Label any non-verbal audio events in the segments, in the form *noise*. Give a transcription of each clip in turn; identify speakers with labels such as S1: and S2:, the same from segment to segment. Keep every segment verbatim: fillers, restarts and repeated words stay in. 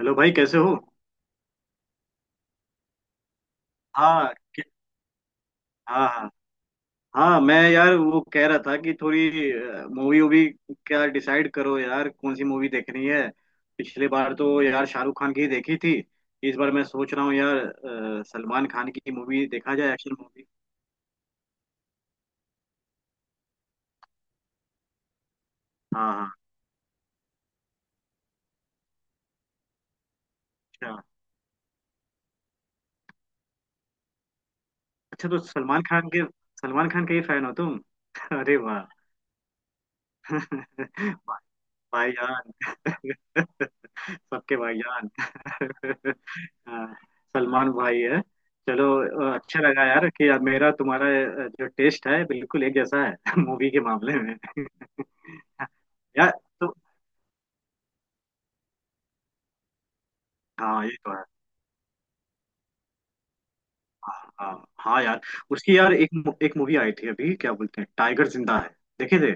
S1: Hello भाई, कैसे हो? हाँ। क- हाँ, हाँ। हाँ मैं यार वो कह रहा था कि थोड़ी मूवी वूवी, क्या डिसाइड करो यार कौन सी मूवी देखनी है। पिछले बार तो यार शाहरुख खान की ही देखी थी। इस बार मैं सोच रहा हूँ यार अ, सलमान खान की मूवी देखा जाए, एक्शन मूवी। हाँ हाँ। अच्छा। अच्छा तो सलमान खान के, सलमान खान के ही फैन हो तुम? *laughs* अरे वाह। *laughs* भाईजान। *laughs* सबके भाईजान। *laughs* हाँ, सलमान भाई है। चलो। अ, अच्छा लगा यार कि यार मेरा तुम्हारा अ, जो टेस्ट है बिल्कुल एक जैसा है *laughs* मूवी के मामले में। *laughs* यार तो हाँ, ये तो है। हाँ हाँ हाँ यार। उसकी यार एक मु- एक मूवी आई थी अभी, क्या बोलते हैं, टाइगर जिंदा है, देखे थे?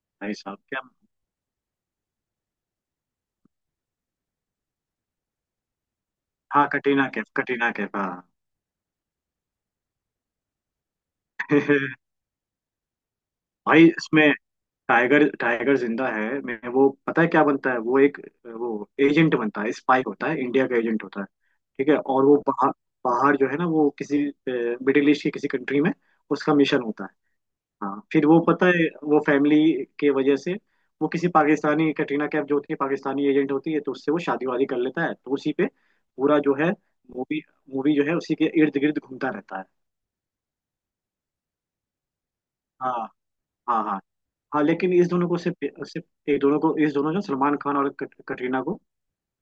S1: भाई साहब क्या! हाँ कटरीना कैफ, कटरीना कैफ हाँ। *laughs* भाई इसमें टाइगर, टाइगर जिंदा है, मैं वो पता है क्या बनता है? वो एक, वो एजेंट बनता है, स्पाई होता है, इंडिया का एजेंट होता है। ठीक है, और वो पहाड़, पहाड़ जो है ना वो किसी मिडिल ईस्ट की किसी कंट्री में उसका मिशन होता है। हाँ फिर वो पता है वो फैमिली के वजह से, वो किसी पाकिस्तानी कटरीना कैफ जो होती है पाकिस्तानी एजेंट होती है तो उससे वो शादी वादी कर लेता है, तो उसी पे पूरा जो है मूवी, मूवी जो है उसी के इर्द गिर्द घूमता रहता है। हाँ हाँ। हाँ हाँ लेकिन इस दोनों को सिर्फ, सिर्फ एक दोनों को, इस दोनों जो सलमान खान और कट, कटरीना को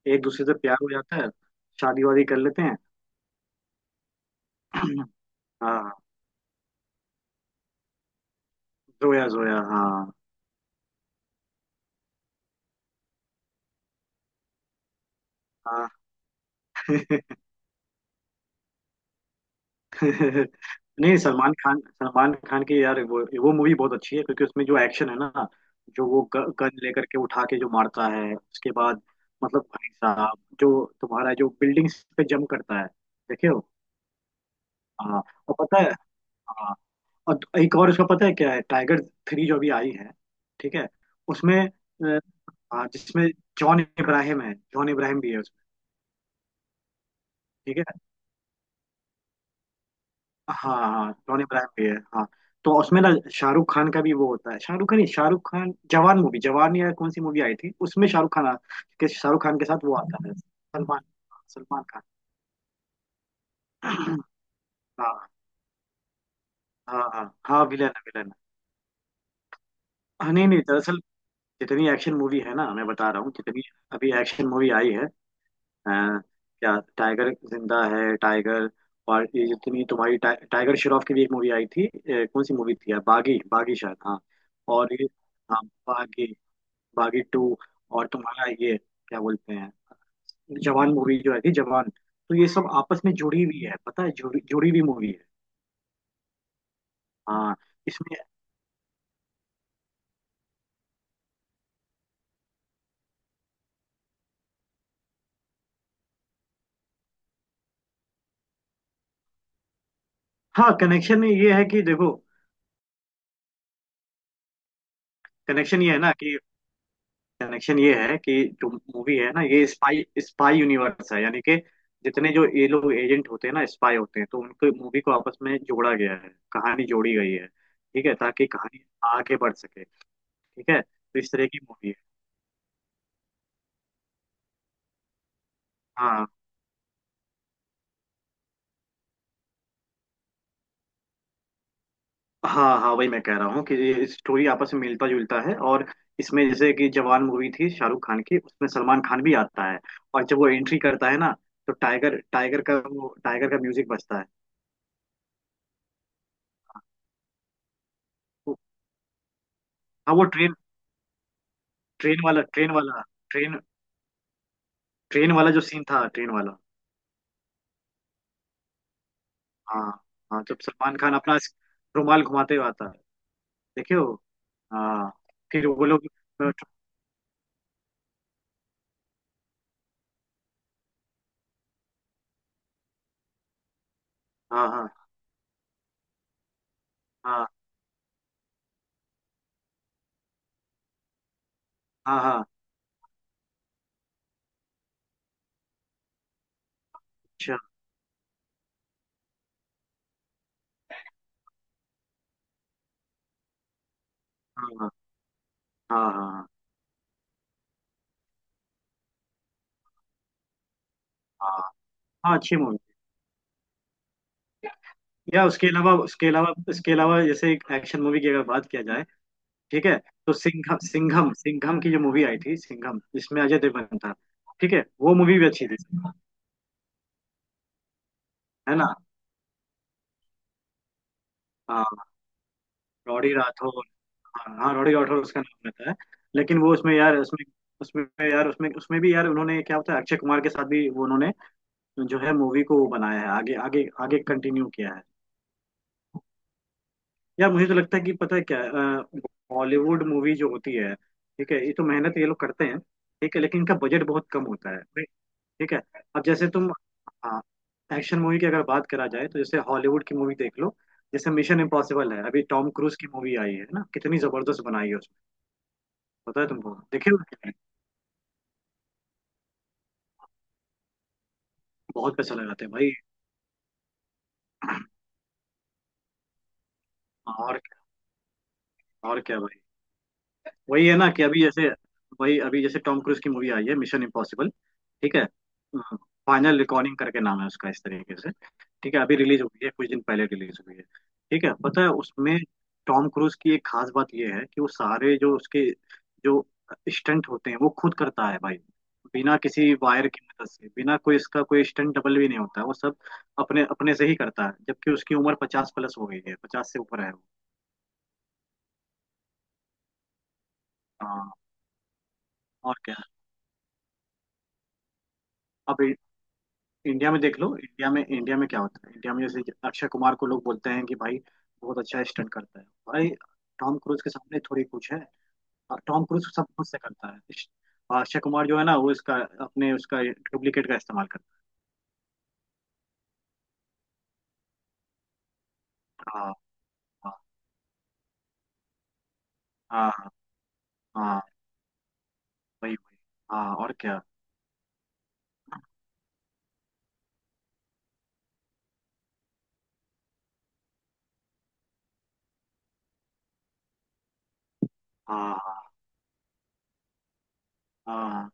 S1: एक दूसरे से प्यार हो जाता है, शादी वादी कर लेते हैं। *clears throat* हाँ जोया, जोया हाँ। हाँ। *laughs* *laughs* नहीं, सलमान खान, सलमान खान की यार वो वो मूवी बहुत अच्छी है क्योंकि उसमें जो एक्शन है ना, जो वो गन लेकर के उठा के जो मारता है उसके बाद, मतलब भाई साहब जो तुम्हारा जो बिल्डिंग्स पे जंप करता है, देखे हो? हाँ। और पता है, हाँ, और एक और उसका पता है क्या है, टाइगर थ्री जो अभी आई है, ठीक है, उसमें अ, हाँ जिसमें जॉन इब्राहिम है, जॉन इब्राहिम भी है उसमें। ठीक। हाँ हाँ टोनी इब्राहिम भी है, हाँ। तो उसमें ना शाहरुख खान का भी वो होता है, शाहरुख खान नहीं, शाहरुख खान, जवान मूवी, जवान या कौन सी मूवी आई थी उसमें शाहरुख खान आ- के, शाहरुख खान के साथ वो आता है सलमान, सलमान खान। *clears throat* हाँ हाँ हाँ, हाँ विलन है, विलन है। हाँ नहीं नहीं, दरअसल जितनी एक्शन मूवी है ना, मैं बता रहा हूँ, जितनी अभी एक्शन मूवी आई है अ, क्या टाइगर जिंदा है, टाइगर, और ये जितनी तुम्हारी टा, टाइगर श्रॉफ की भी एक मूवी आई थी अ, कौन सी मूवी थी यार, बागी, बागी शायद हाँ। और ये, हाँ बागी, बागी टू। और तुम्हारा ये, क्या बोलते हैं, जवान मूवी जो है थी, जवान। तो ये सब आपस में जुड़ी हुई है, पता है, जुड़ी, जुड़ी हुई मूवी है। हाँ इसमें। हाँ कनेक्शन ये है कि देखो, कनेक्शन ये है ना कि, कनेक्शन ये है कि जो मूवी है ना, ये स्पाई, स्पाई यूनिवर्स है, यानी कि जितने जो ये लोग एजेंट होते हैं ना, स्पाई होते हैं, तो उनके मूवी को आपस में जोड़ा गया है, कहानी जोड़ी गई है, ठीक है, ताकि कहानी आगे बढ़ सके। ठीक है, तो इस तरह की मूवी है। हाँ हाँ हाँ, वही मैं कह रहा हूँ कि ये स्टोरी आपस में मिलता जुलता है। और इसमें जैसे कि जवान मूवी थी शाहरुख खान की, उसमें सलमान खान भी आता है, और जब वो एंट्री करता है ना तो टाइगर, टाइगर का वो, टाइगर का म्यूजिक बजता है। वो- हाँ वो ट्रेन, ट्रेन वाला, ट्रेन वाला ट्रेन, ट्रेन वाला जो सीन था, ट्रेन वाला। हाँ। हाँ जब सलमान खान अपना रुमाल घुमाते हुए आता है, देखे हो? हाँ। फिर वो लोग, हाँ हाँ हाँ। हाँ हाँ अच्छा। हाँ हाँ हाँ हाँ। हाँ हाँ अच्छी मूवी। या उसके अलावा, उसके अलावा, इसके अलावा जैसे एक एक्शन मूवी की अगर बात किया जाए, ठीक है, तो सिंघम, सिंघम, सिंघम की जो मूवी आई थी, सिंघम, जिसमें अजय देवगन था, ठीक है, वो मूवी भी अच्छी थी। है ना। हाँ रॉडी राठौर। हाँ हाँ, रॉडी राठौर उसका नाम रहता है। लेकिन वो उसमें यार, उसमें, उसमें यार, उसमें उसमें भी यार, उन्होंने क्या होता है, अक्षय कुमार के साथ भी वो उन्होंने जो है मूवी को बनाया है, आगे, आगे, आगे कंटिन्यू किया है। यार मुझे तो लगता है कि पता है क्या, बॉलीवुड मूवी जो होती है, ठीक है, ये तो मेहनत ये लोग करते हैं, ठीक है, लेकिन इनका बजट बहुत कम होता है, right? ठीक है। अब जैसे तुम, हाँ एक्शन मूवी की अगर बात करा जाए, तो जैसे हॉलीवुड की मूवी देख लो, जैसे मिशन इम्पॉसिबल है, अभी टॉम क्रूज की मूवी आई है ना, कितनी जबरदस्त बनाई है उसमें, पता है तुमको, देखे हो? बहुत पैसा लगाते हैं भाई। और और क्या भाई। वही है ना कि अभी जैसे, वही अभी जैसे टॉम क्रूज की मूवी आई है मिशन इम्पॉसिबल, ठीक है, फाइनल रिकॉर्डिंग करके नाम है उसका इस तरीके से, ठीक है, अभी रिलीज हुई है, कुछ दिन पहले रिलीज हुई है, ठीक है, पता है उसमें, टॉम क्रूज की एक खास बात यह है कि वो सारे जो उसके जो स्टंट होते हैं वो खुद करता है भाई, बिना किसी वायर की मदद से, बिना कोई, इसका कोई स्टंट डबल भी नहीं होता है, वो सब अपने, अपने से ही करता है, जबकि उसकी उम्र पचास प्लस हो गई है, पचास से ऊपर है वो। हाँ और क्या। अब इंडिया में देख लो, इंडिया में, इंडिया में क्या होता है, इंडिया में जैसे अक्षय कुमार को लोग बोलते हैं कि भाई बहुत अच्छा स्टंट करता है भाई, टॉम क्रूज के सामने थोड़ी कुछ है। और टॉम क्रूज सब कुछ से करता है, इस- और अक्षय कुमार जो है ना वो इसका, अपने उसका डुप्लीकेट का इस्तेमाल करता है। हाँ हाँ। हाँ, हाँ हाँ, वही वही। हाँ और क्या। हाँ हाँ हाँ,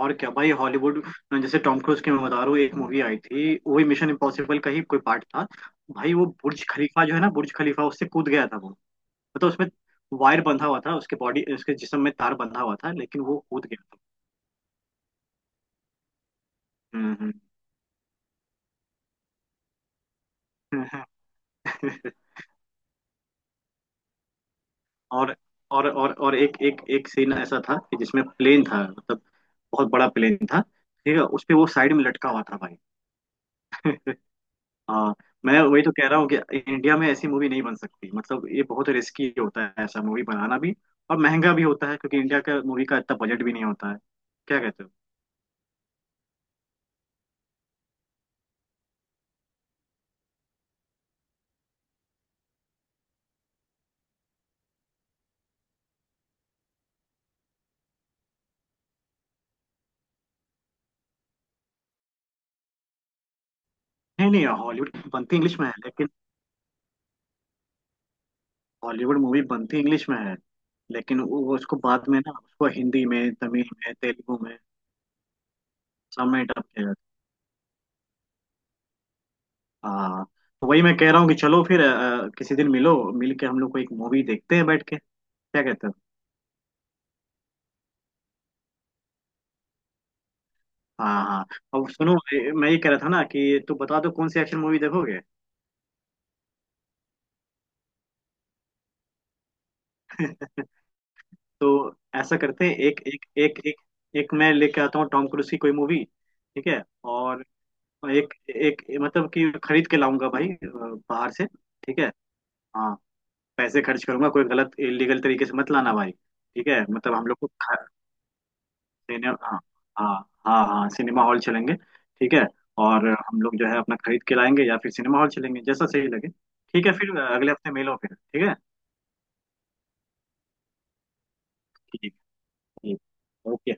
S1: और क्या भाई, हॉलीवुड जैसे टॉम क्रूज की, मैं बता रहा हूँ, एक मूवी आई थी वही मिशन इम्पॉसिबल का ही कोई पार्ट था, भाई वो बुर्ज खलीफा जो है ना, बुर्ज खलीफा, उससे कूद गया था वो, मतलब उसमें वायर बंधा हुआ था उसके बॉडी, उसके जिस्म में तार बंधा हुआ था लेकिन वो कूद गया था। हम्म। हम्म *laughs* था। और और और और एक, एक एक सीन ऐसा था कि जिसमें प्लेन था, मतलब बहुत बड़ा प्लेन था, ठीक है, उस पे वो साइड में लटका हुआ था भाई। *laughs* हाँ। मैं वही तो कह रहा हूँ कि इंडिया में ऐसी मूवी नहीं बन सकती, मतलब ये बहुत रिस्की होता है ऐसा मूवी बनाना भी, और महंगा भी होता है क्योंकि इंडिया का मूवी का इतना बजट भी नहीं होता है। क्या कहते हो? नहीं नहीं, हॉलीवुड बनती इंग्लिश में है लेकिन, हॉलीवुड मूवी बनती इंग्लिश में है लेकिन वो वो उसको बाद में ना उसको हिंदी में, तमिल में, तेलुगु में सब में डब किया जाता है। हाँ। तो वही मैं कह रहा हूँ कि चलो फिर अ, किसी दिन मिलो, मिल के हम लोग को एक मूवी देखते हैं बैठ के, क्या कहते हो? हाँ हाँ। अब सुनो ए- मैं ये कह रहा था ना कि तू बता दो कौन सी एक्शन मूवी देखोगे। *laughs* तो ऐसा करते हैं, एक, एक, एक, एक, एक मैं लेके आता हूँ टॉम क्रूज की कोई मूवी, ठीक है, और एक, एक मतलब कि खरीद के लाऊंगा भाई अ, बाहर से, ठीक है, हाँ, पैसे खर्च करूंगा, कोई गलत इलीगल तरीके से मत लाना भाई, ठीक है, मतलब हम लोग को खा- सिने- हाँ। हाँ हाँ, हाँ सिनेमा हॉल चलेंगे, ठीक है। और हम लोग जो है अपना खरीद के लाएंगे, या फिर सिनेमा हॉल चलेंगे, जैसा सही लगे, ठीक है, फिर अगले हफ्ते मिलो फिर, ठीक है। ठीक। ठीक ओके।